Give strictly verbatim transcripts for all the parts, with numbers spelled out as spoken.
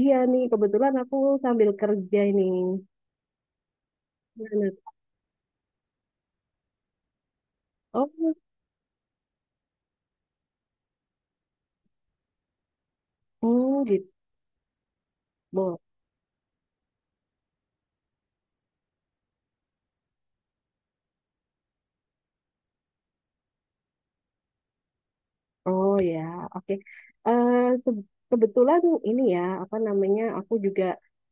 Iya nih, kebetulan aku sambil kerja ini. Gimana? Oh, oh gitu. Bo- Oh ya, oke. Eh, se- kebetulan ini ya, apa namanya, aku juga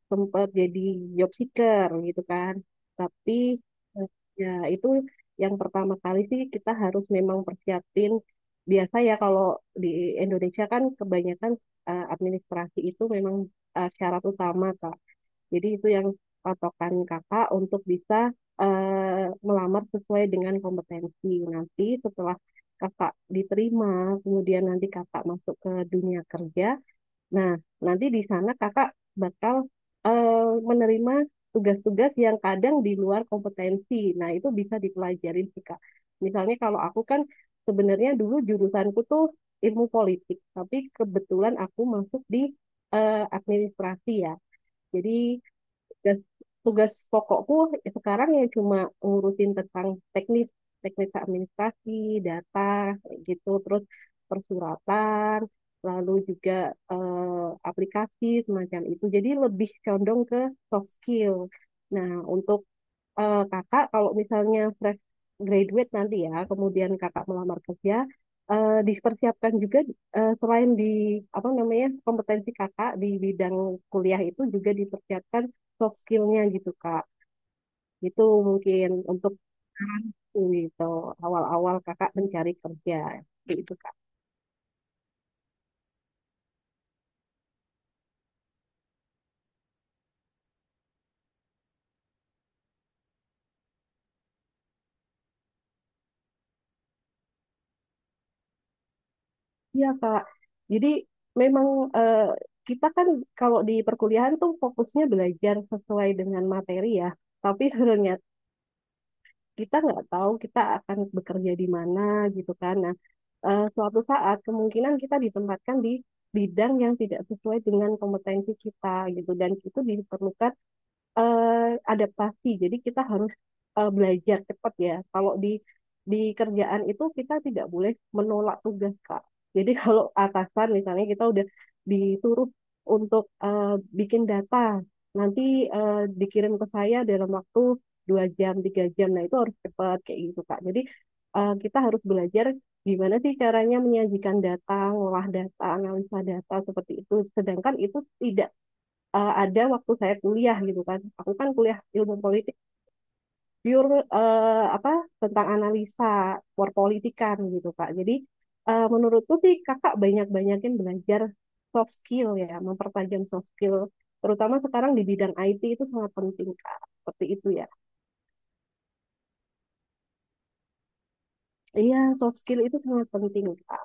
sempat jadi job seeker gitu kan. Tapi eh, ya itu yang pertama kali sih kita harus memang persiapin. Biasa ya kalau di Indonesia kan kebanyakan eh, administrasi itu memang eh, syarat utama kan. Jadi itu yang patokan kakak untuk bisa eh, melamar sesuai dengan kompetensi. Nanti setelah kakak diterima, kemudian nanti kakak masuk ke dunia kerja. Nah, nanti di sana kakak bakal eh, menerima tugas-tugas yang kadang di luar kompetensi. Nah, itu bisa dipelajarin sih, Kak. Misalnya kalau aku kan sebenarnya dulu jurusanku tuh ilmu politik, tapi kebetulan aku masuk di eh, administrasi ya. Jadi tugas tugas pokokku ya sekarang ya cuma ngurusin tentang teknis teknis administrasi data kayak gitu terus persuratan lalu juga eh, aplikasi semacam itu jadi lebih condong ke soft skill. Nah, untuk eh, kakak kalau misalnya fresh graduate nanti ya, kemudian kakak melamar kerja, eh, dipersiapkan juga eh, selain di apa namanya kompetensi kakak di bidang kuliah itu juga dipersiapkan soft skillnya gitu kak. Itu mungkin untuk gitu awal-awal kakak mencari kerja gitu kak. Iya kak. Jadi memang eh, kita kan kalau di perkuliahan tuh fokusnya belajar sesuai dengan materi ya. Tapi sebenarnya kita nggak tahu kita akan bekerja di mana gitu kan. Nah, eh, suatu saat kemungkinan kita ditempatkan di bidang yang tidak sesuai dengan kompetensi kita gitu dan itu diperlukan eh, adaptasi. Jadi kita harus eh, belajar cepat ya. Kalau di di kerjaan itu kita tidak boleh menolak tugas, Kak. Jadi kalau atasan misalnya kita udah disuruh untuk eh, bikin data, nanti eh, dikirim ke saya dalam waktu dua jam, tiga jam. Nah itu harus cepat kayak gitu, Kak. Jadi eh, kita harus belajar gimana sih caranya menyajikan data, ngolah data, analisa data seperti itu. Sedangkan itu tidak eh, ada waktu saya kuliah gitu kan. Aku kan kuliah ilmu politik pure eh, apa tentang analisa perpolitikan gitu Kak. Jadi eh, menurutku sih Kakak banyak-banyakin belajar soft skill ya, mempertajam soft skill. Terutama sekarang di bidang I T itu sangat penting Kak. Seperti itu ya. Iya, soft skill itu sangat penting Kak.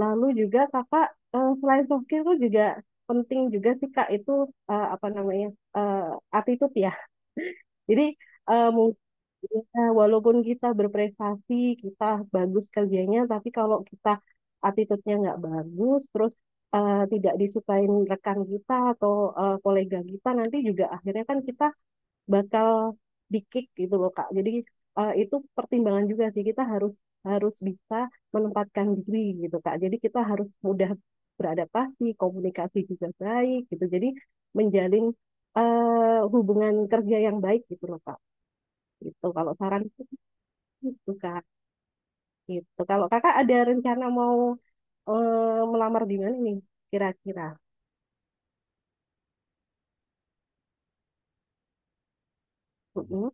Lalu juga Kakak eh, selain soft skill itu juga penting juga sih Kak itu eh, apa namanya? eh, attitude ya. Jadi eh, mungkin ya, walaupun kita berprestasi, kita bagus kerjanya, tapi kalau kita attitude-nya nggak bagus, terus eh, tidak disukain rekan kita atau eh, kolega kita, nanti juga akhirnya kan kita bakal di-kick gitu loh, Kak. Jadi eh, itu pertimbangan juga sih, kita harus harus bisa menempatkan diri gitu, Kak. Jadi kita harus mudah beradaptasi, komunikasi juga baik gitu. Jadi menjalin eh, hubungan kerja yang baik gitu loh, Kak. Gitu, kalau saran. Gitu, Kak. Gitu. Kalau kakak ada rencana mau eh, melamar di mana nih kira-kira? Mm-mm.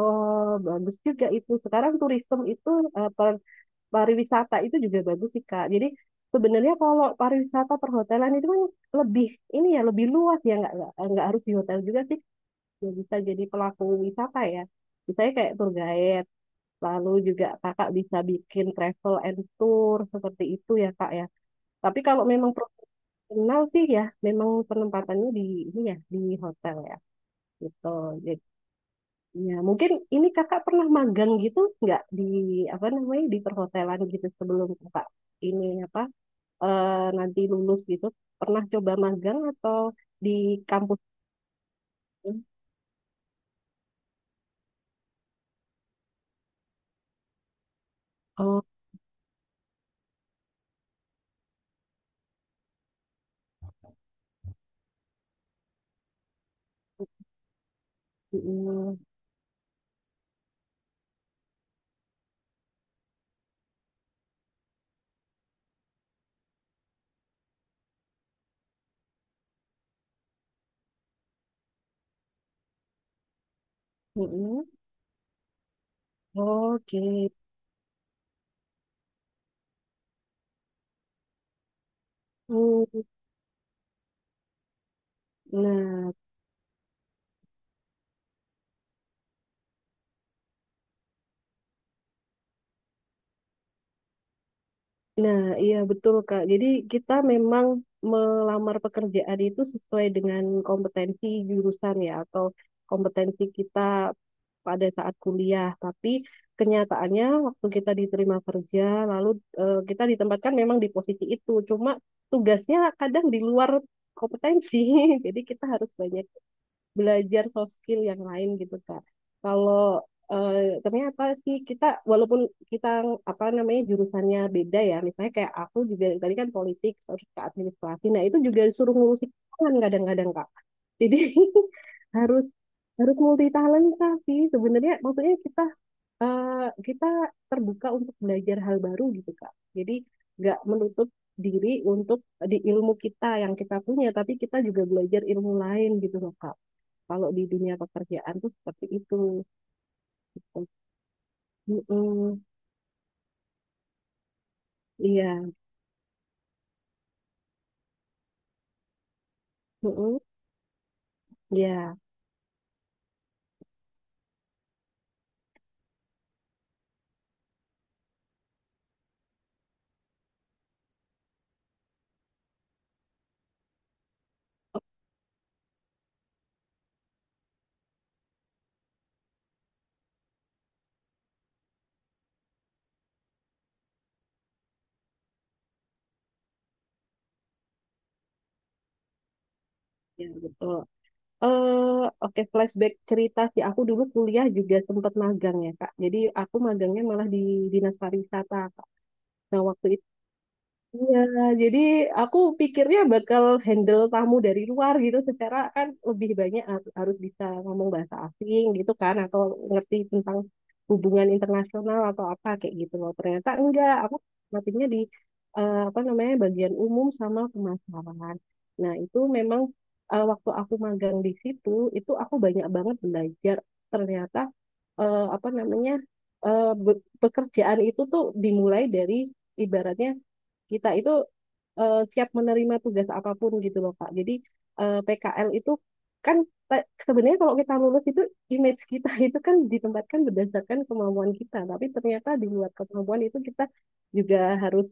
Oh, bagus juga itu. Sekarang turisme itu, eh, per- pariwisata itu juga bagus sih, Kak. Jadi sebenarnya kalau pariwisata perhotelan itu kan lebih, ini ya, lebih luas ya. Nggak, nggak, nggak harus di hotel juga sih. Ya, bisa jadi pelaku wisata ya. Misalnya kayak tour guide. Lalu juga kakak bisa bikin travel and tour seperti itu ya, Kak ya. Tapi kalau memang kenal sih ya, memang penempatannya di ini ya di hotel ya gitu. Jadi, ya mungkin ini kakak pernah magang gitu nggak di apa namanya di perhotelan gitu sebelum kakak ini apa eh, nanti lulus gitu pernah coba magang atau di kampus? Oh, mm, mm, mm. Oke. Hmm. Nah. Nah, iya betul Kak. Jadi kita memang melamar pekerjaan itu sesuai dengan kompetensi jurusan ya atau kompetensi kita pada saat kuliah. Tapi kenyataannya waktu kita diterima kerja, lalu eh, kita ditempatkan memang di posisi itu. Cuma tugasnya kadang di luar kompetensi. Jadi kita harus banyak belajar soft skill yang lain gitu Kak. Kalau eh, ternyata sih kita walaupun kita apa namanya jurusannya beda ya, misalnya kayak aku juga tadi kan politik terus ke administrasi, nah itu juga disuruh ngurusin tangan kadang-kadang Kak. Jadi harus harus multi talenta sih sebenarnya maksudnya kita eh, kita terbuka untuk belajar hal baru gitu Kak. Jadi nggak menutup diri untuk di ilmu kita yang kita punya, tapi kita juga belajar ilmu lain gitu loh Kak. Kalau di dunia pekerjaan tuh seperti itu. Mm-mm. Iya. Mm-mm. Iya. Oh, iya betul. Eh, oke flashback cerita sih. Aku dulu kuliah juga sempat magang ya Kak. Jadi aku magangnya malah di Dinas Pariwisata Kak. Nah waktu. Iya, jadi aku pikirnya bakal handle tamu dari luar gitu secara kan lebih banyak har- harus bisa ngomong bahasa asing gitu kan atau ngerti tentang hubungan internasional atau apa kayak gitu loh. Ternyata enggak, aku matinya di eh, apa namanya bagian umum sama pemasaran. Nah, itu memang eh, waktu aku magang di situ itu aku banyak banget belajar ternyata eh, apa namanya eh, be- pekerjaan itu tuh dimulai dari ibaratnya kita itu eh, siap menerima tugas apapun gitu loh Kak. Jadi eh, P K L itu kan ta- sebenarnya kalau kita lulus itu image kita itu kan ditempatkan berdasarkan kemampuan kita, tapi ternyata di luar kemampuan itu kita juga harus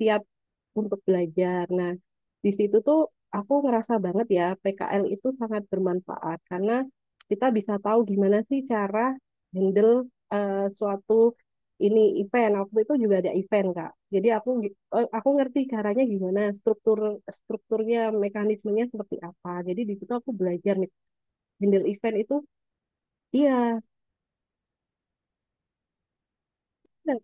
siap untuk belajar. Nah, di situ tuh aku ngerasa banget ya P K L itu sangat bermanfaat karena kita bisa tahu gimana sih cara handle eh, suatu ini event. Waktu itu juga ada event, Kak. Jadi aku oh, aku ngerti caranya gimana, struktur strukturnya, mekanismenya seperti apa. Jadi di situ aku belajar nih, handle event itu iya, dan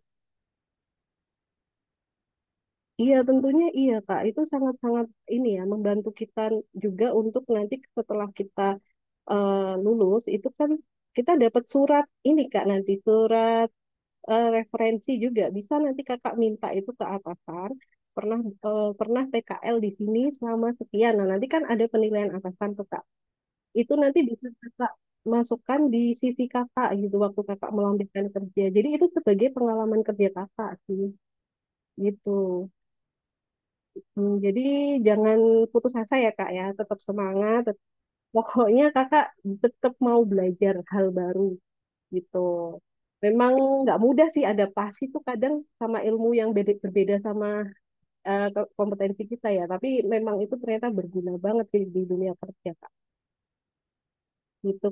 iya tentunya iya Kak. Itu sangat-sangat ini ya membantu kita juga untuk nanti setelah kita eh, lulus itu kan kita dapat surat ini Kak nanti surat eh, referensi juga bisa nanti Kakak minta itu ke atasan. pernah eh, pernah P K L di sini selama sekian. Nah, nanti kan ada penilaian atasan tuh Kak. Itu nanti bisa kakak masukkan di sisi kakak gitu waktu kakak melamar kerja. Jadi itu sebagai pengalaman kerja kakak sih gitu. Hmm, jadi jangan putus asa ya kak ya, tetap semangat. tet- Pokoknya kakak tetap mau belajar hal baru gitu. Memang nggak mudah sih adaptasi tuh kadang sama ilmu yang beda- berbeda sama eh, ke- kompetensi kita ya. Tapi memang itu ternyata berguna banget di, di dunia kerja kak. Gitu.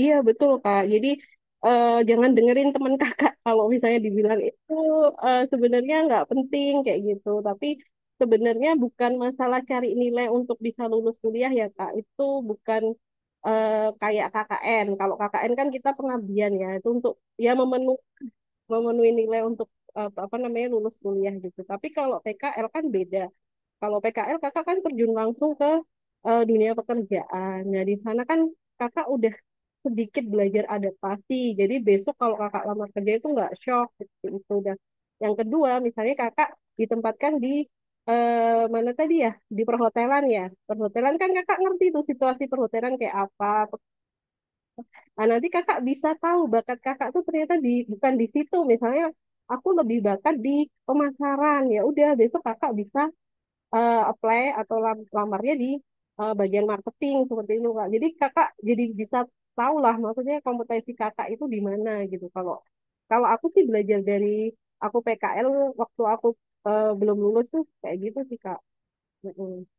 Iya betul Kak. Jadi eh, jangan dengerin teman kakak kalau misalnya dibilang itu eh, sebenarnya nggak penting kayak gitu. Tapi sebenarnya bukan masalah cari nilai untuk bisa lulus kuliah ya Kak. Itu bukan eh, kayak K K N. Kalau K K N kan kita pengabdian ya. Itu untuk ya memenu- memenuhi nilai untuk eh, apa namanya lulus kuliah gitu. Tapi kalau P K L kan beda. Kalau P K L kakak kan terjun langsung ke eh, dunia pekerjaan. Nah di sana kan kakak udah sedikit belajar adaptasi. Jadi besok kalau kakak lamar kerja itu nggak shock gitu, itu udah yang kedua misalnya kakak ditempatkan di eh, mana tadi ya di perhotelan ya perhotelan kan kakak ngerti tuh situasi perhotelan kayak apa. Nah, nanti kakak bisa tahu bakat kakak tuh ternyata di bukan di situ misalnya aku lebih bakat di pemasaran ya udah besok kakak bisa eh, apply atau lam- lamarnya di eh, bagian marketing seperti itu kak. Jadi kakak jadi bisa tahu lah maksudnya kompetensi kakak itu di mana gitu. Kalau kalau aku sih belajar dari aku P K L waktu aku eh, belum lulus tuh kayak gitu sih kak. Mm-mm.